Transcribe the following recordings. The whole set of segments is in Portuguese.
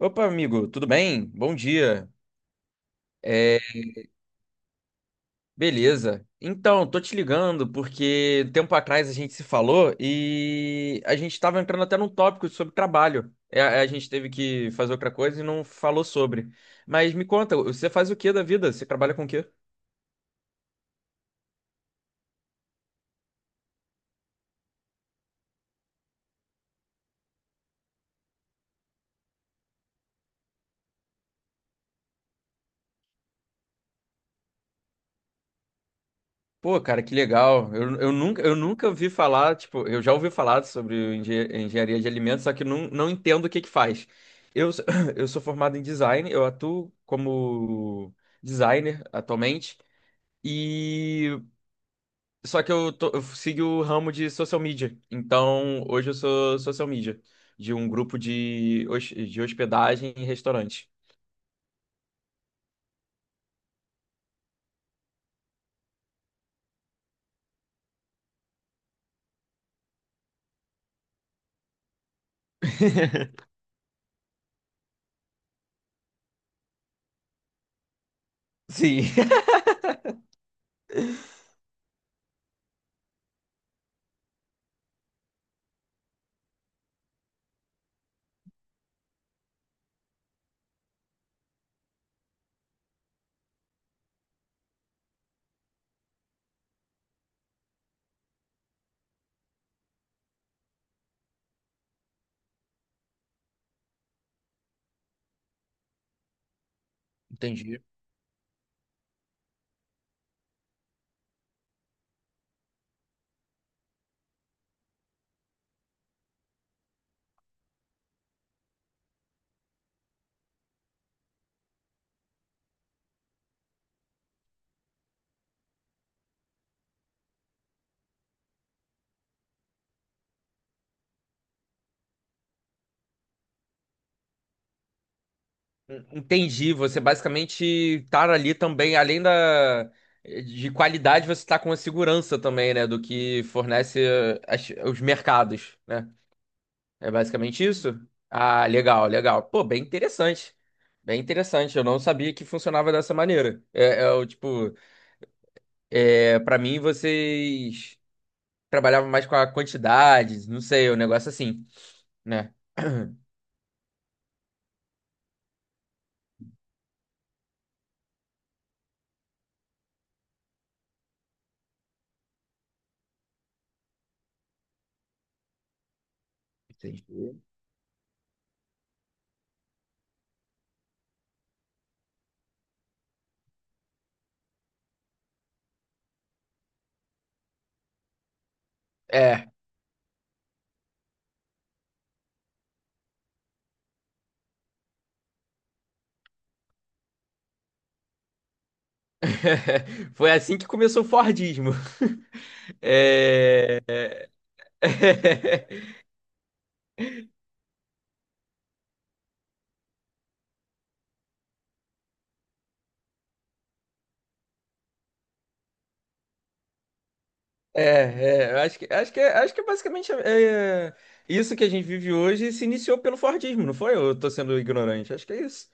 Opa, amigo, tudo bem? Bom dia. É, Beleza. Então, tô te ligando porque um tempo atrás a gente se falou e a gente estava entrando até num tópico sobre trabalho. A gente teve que fazer outra coisa e não falou sobre. Mas me conta, você faz o que da vida? Você trabalha com o quê? Pô, cara, que legal. Eu nunca ouvi falar, tipo, eu já ouvi falar sobre engenharia de alimentos, só que não entendo o que que faz. Eu, sou- eu sou formado em design, eu atuo como designer atualmente, e só que eu, tô, eu sigo o ramo de social media. Então, hoje eu sou social media de um grupo de hospedagem e restaurante. Sim. Entendi. Entendi, você basicamente estar ali também, além da de qualidade, você está com a segurança também, né, do que fornece os mercados, né? É basicamente isso? Ah, legal, legal. Pô, bem interessante. Bem interessante, eu não sabia que funcionava dessa maneira. Para mim vocês trabalhavam mais com a quantidade, não sei, o negócio assim, né? Entendi. É. Foi assim que começou o Fordismo. É... É, é, eu acho que, acho que, acho que é basicamente isso que a gente vive hoje se iniciou pelo Fordismo, não foi? Eu tô sendo ignorante, acho que é isso.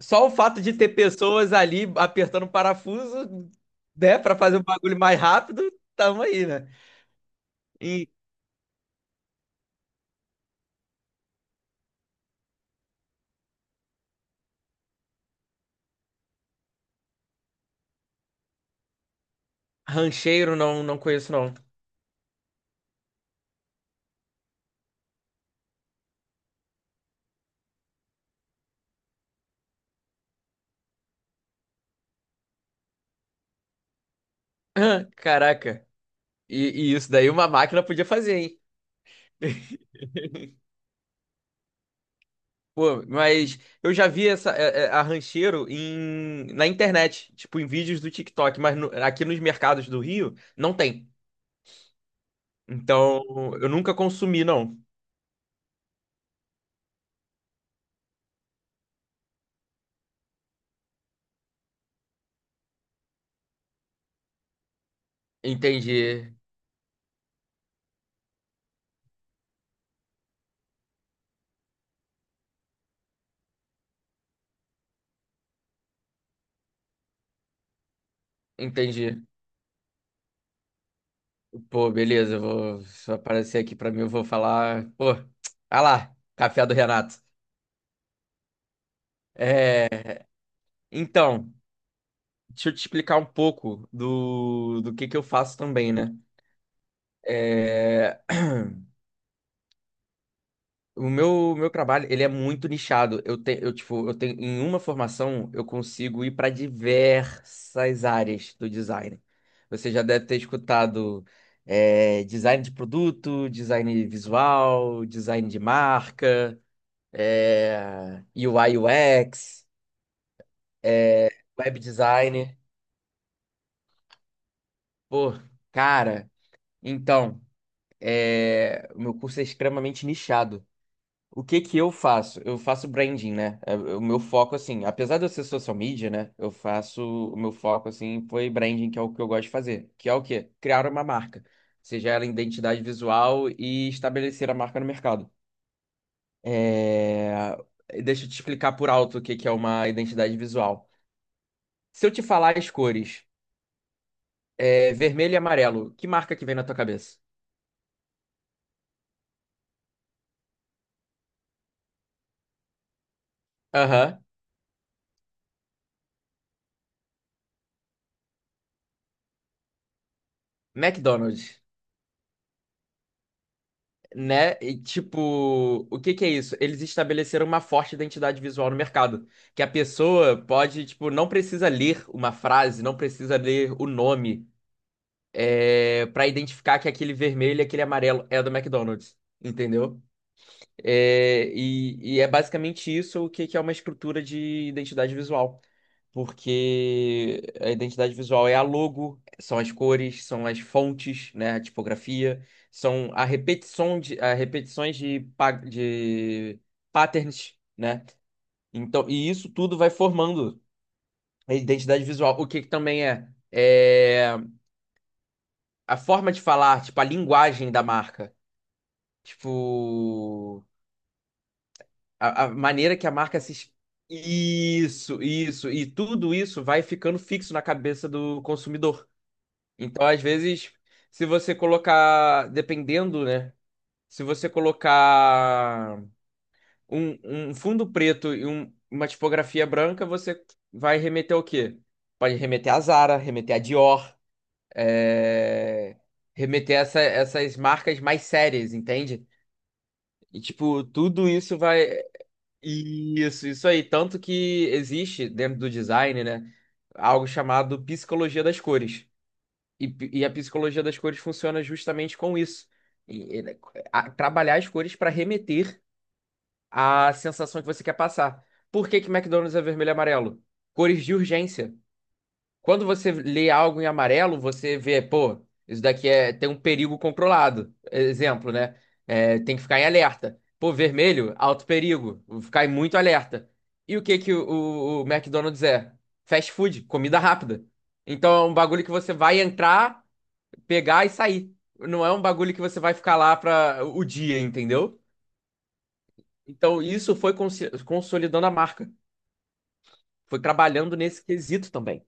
Só o fato de ter pessoas ali apertando o parafuso, né, para fazer o bagulho mais rápido, tamo aí, né? E rancheiro não conheço, não. Ah, caraca, e isso daí uma máquina podia fazer, hein? Pô, mas eu já vi a rancheiro na internet, tipo em vídeos do TikTok, mas aqui nos mercados do Rio não tem. Então eu nunca consumi, não. Entendi, entendi. Pô, beleza, eu vou se aparecer aqui pra mim, eu vou falar. Pô, ah lá, café do Renato. É, então, deixa eu te explicar um pouco do que eu faço também, né? É, O meu trabalho, ele é muito nichado. Eu tenho, em uma formação, eu consigo ir para diversas áreas do design. Você já deve ter escutado, design de produto, design visual, design de marca, UI UX, é, web design. Pô, cara, então, o meu curso é extremamente nichado. O que que eu faço? Eu faço branding, né? É, o meu foco, assim, apesar de eu ser social media, né? O meu foco, assim, foi branding, que é o que eu gosto de fazer. Que é o quê? Criar uma marca. Seja ela identidade visual e estabelecer a marca no mercado. É... Deixa eu te explicar por alto o que que é uma identidade visual. Se eu te falar as cores, vermelho e amarelo, que marca que vem na tua cabeça? Aham. McDonald's, né? E tipo, o que que é isso? Eles estabeleceram uma forte identidade visual no mercado, que a pessoa pode, tipo, não precisa ler uma frase, não precisa ler o nome, para identificar que aquele vermelho e aquele amarelo é do McDonald's, entendeu? E é basicamente isso o que que é uma estrutura de identidade visual, porque a identidade visual é a logo, são as cores, são as fontes, né, a tipografia, são a repetições de patterns, né? Então, e isso tudo vai formando a identidade visual. O que que também é? É a forma de falar, tipo, a linguagem da marca. Tipo, a maneira que a marca se... Isso, isso. E tudo isso vai ficando fixo na cabeça do consumidor. Então, às vezes, se você colocar, dependendo, né? Se você colocar um fundo preto e uma tipografia branca, você vai remeter ao quê? Pode remeter à Zara, remeter à Dior, é, remeter a essas marcas mais sérias, entende? E, tipo, tudo isso vai. Isso aí. Tanto que existe dentro do design, né? Algo chamado psicologia das cores. E a psicologia das cores funciona justamente com isso. E- e- né, Trabalhar as cores para remeter à sensação que você quer passar. Por que que McDonald's é vermelho e amarelo? Cores de urgência. Quando você lê algo em amarelo, você vê, pô, isso daqui é, tem um perigo controlado. Exemplo, né? É, tem que ficar em alerta. Pô, vermelho, alto perigo. Vou ficar em muito alerta. E o que que o McDonald's é? Fast food, comida rápida. Então é um bagulho que você vai entrar, pegar e sair. Não é um bagulho que você vai ficar lá para o dia, entendeu? Então isso foi consolidando a marca. Foi trabalhando nesse quesito também.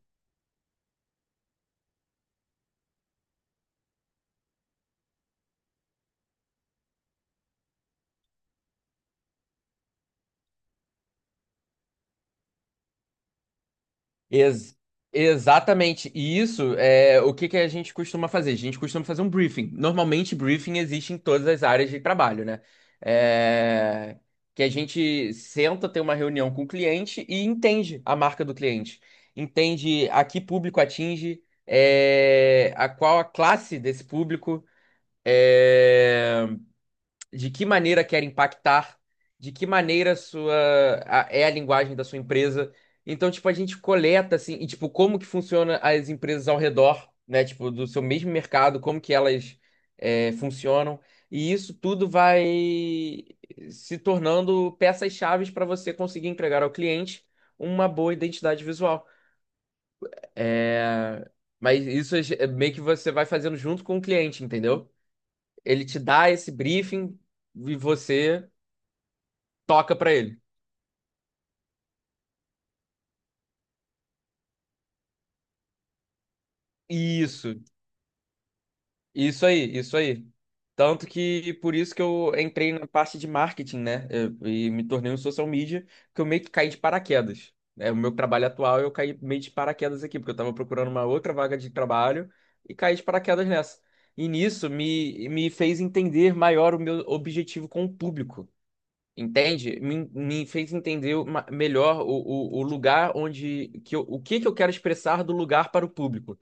Ex- Exatamente. E isso é o que que a gente costuma fazer? A gente costuma fazer um briefing. Normalmente, briefing existe em todas as áreas de trabalho, né? É, Que a gente senta, tem uma reunião com o cliente e entende a marca do cliente. Entende a que público atinge, a qual a classe desse público, é, de que maneira quer impactar, de que maneira é a linguagem da sua empresa. Então, tipo, a gente coleta assim, e tipo, como que funciona as empresas ao redor, né? Tipo, do seu mesmo mercado, como que elas funcionam. E isso tudo vai se tornando peças-chaves para você conseguir entregar ao cliente uma boa identidade visual. É, Mas isso é meio que você vai fazendo junto com o cliente, entendeu? Ele te dá esse briefing e você toca pra ele. Isso, isso aí, isso aí. Tanto que por isso que eu entrei na parte de marketing, né? E me tornei um social media, que eu meio que caí de paraquedas. É, o meu trabalho atual, eu caí meio de paraquedas aqui, porque eu tava procurando uma outra vaga de trabalho e caí de paraquedas nessa. E nisso me fez entender maior o meu objetivo com o público. Entende? Me fez entender melhor o lugar onde o que que eu quero expressar do lugar para o público.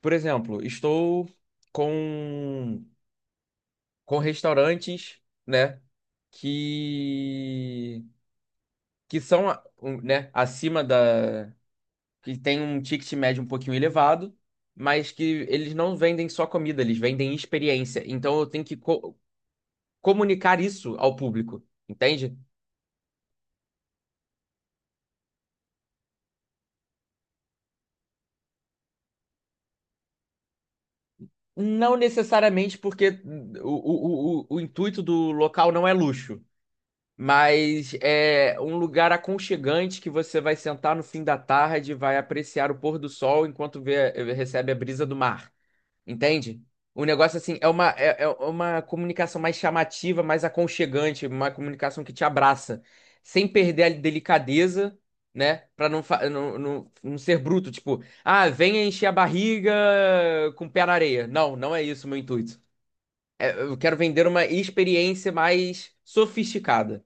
Por exemplo, estou com restaurantes, né, que que são, a- um, né, acima da que tem um ticket médio um pouquinho elevado, mas que eles não vendem só comida, eles vendem experiência. Então eu tenho que comunicar isso ao público, entende? Não necessariamente porque o intuito do local não é luxo, mas é um lugar aconchegante que você vai sentar no fim da tarde, vai apreciar o pôr do sol enquanto recebe a brisa do mar. Entende? O negócio, assim, é é uma comunicação mais chamativa, mais aconchegante, uma comunicação que te abraça, sem perder a delicadeza, né? Pra não ser bruto, tipo, ah, venha encher a barriga com o pé na areia. Não, não é isso o meu intuito. É, eu quero vender uma experiência mais sofisticada.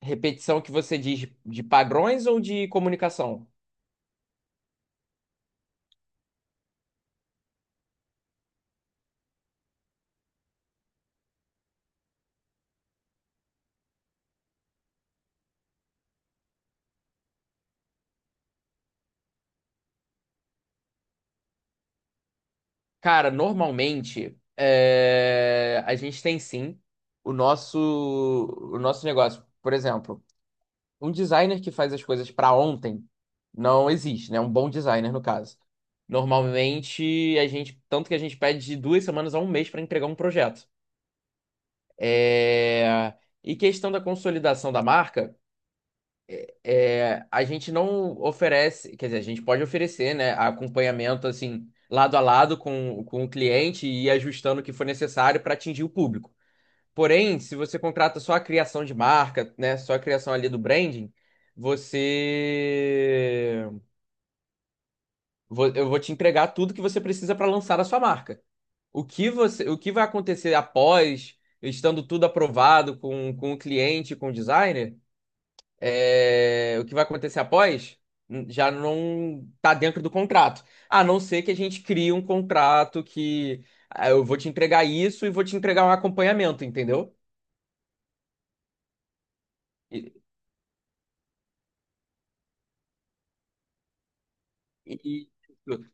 Repetição que você diz de padrões ou de comunicação? Cara, normalmente a gente tem sim o nosso o nosso negócio. Por exemplo, um designer que faz as coisas para ontem não existe, né? Um bom designer no caso. Normalmente a gente tanto que a gente pede de duas semanas a um mês para entregar um projeto. É, E questão da consolidação da marca, a gente não oferece, quer dizer, a gente pode oferecer, né, acompanhamento assim, lado a lado com o cliente, e ir ajustando o que for necessário para atingir o público. Porém, se você contrata só a criação de marca, né, só a criação ali do branding, você eu vou te entregar tudo que você precisa para lançar a sua marca. O que vai acontecer após, estando tudo aprovado com o cliente, com o designer? É, o que vai acontecer após, já não tá dentro do contrato. A não ser que a gente crie um contrato que, ah, eu vou te entregar isso e vou te entregar um acompanhamento, entendeu? E,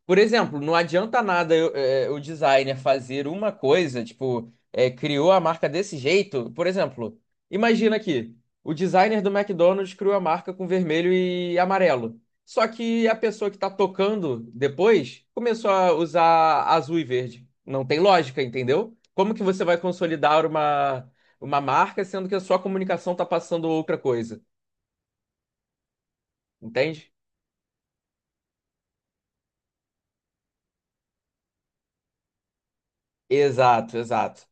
por exemplo, não adianta nada o designer fazer uma coisa, tipo, é, criou a marca desse jeito. Por exemplo, imagina aqui, o designer do McDonald's criou a marca com vermelho e amarelo. Só que a pessoa que tá tocando depois começou a usar azul e verde. Não tem lógica, entendeu? Como que você vai consolidar uma marca sendo que a sua comunicação tá passando outra coisa? Entende? Exato, exato.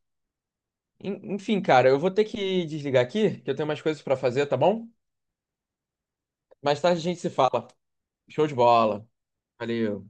Enfim, cara, eu vou ter que desligar aqui, que eu tenho umas coisas pra fazer, tá bom? Mais tarde a gente se fala. Show de bola. Valeu.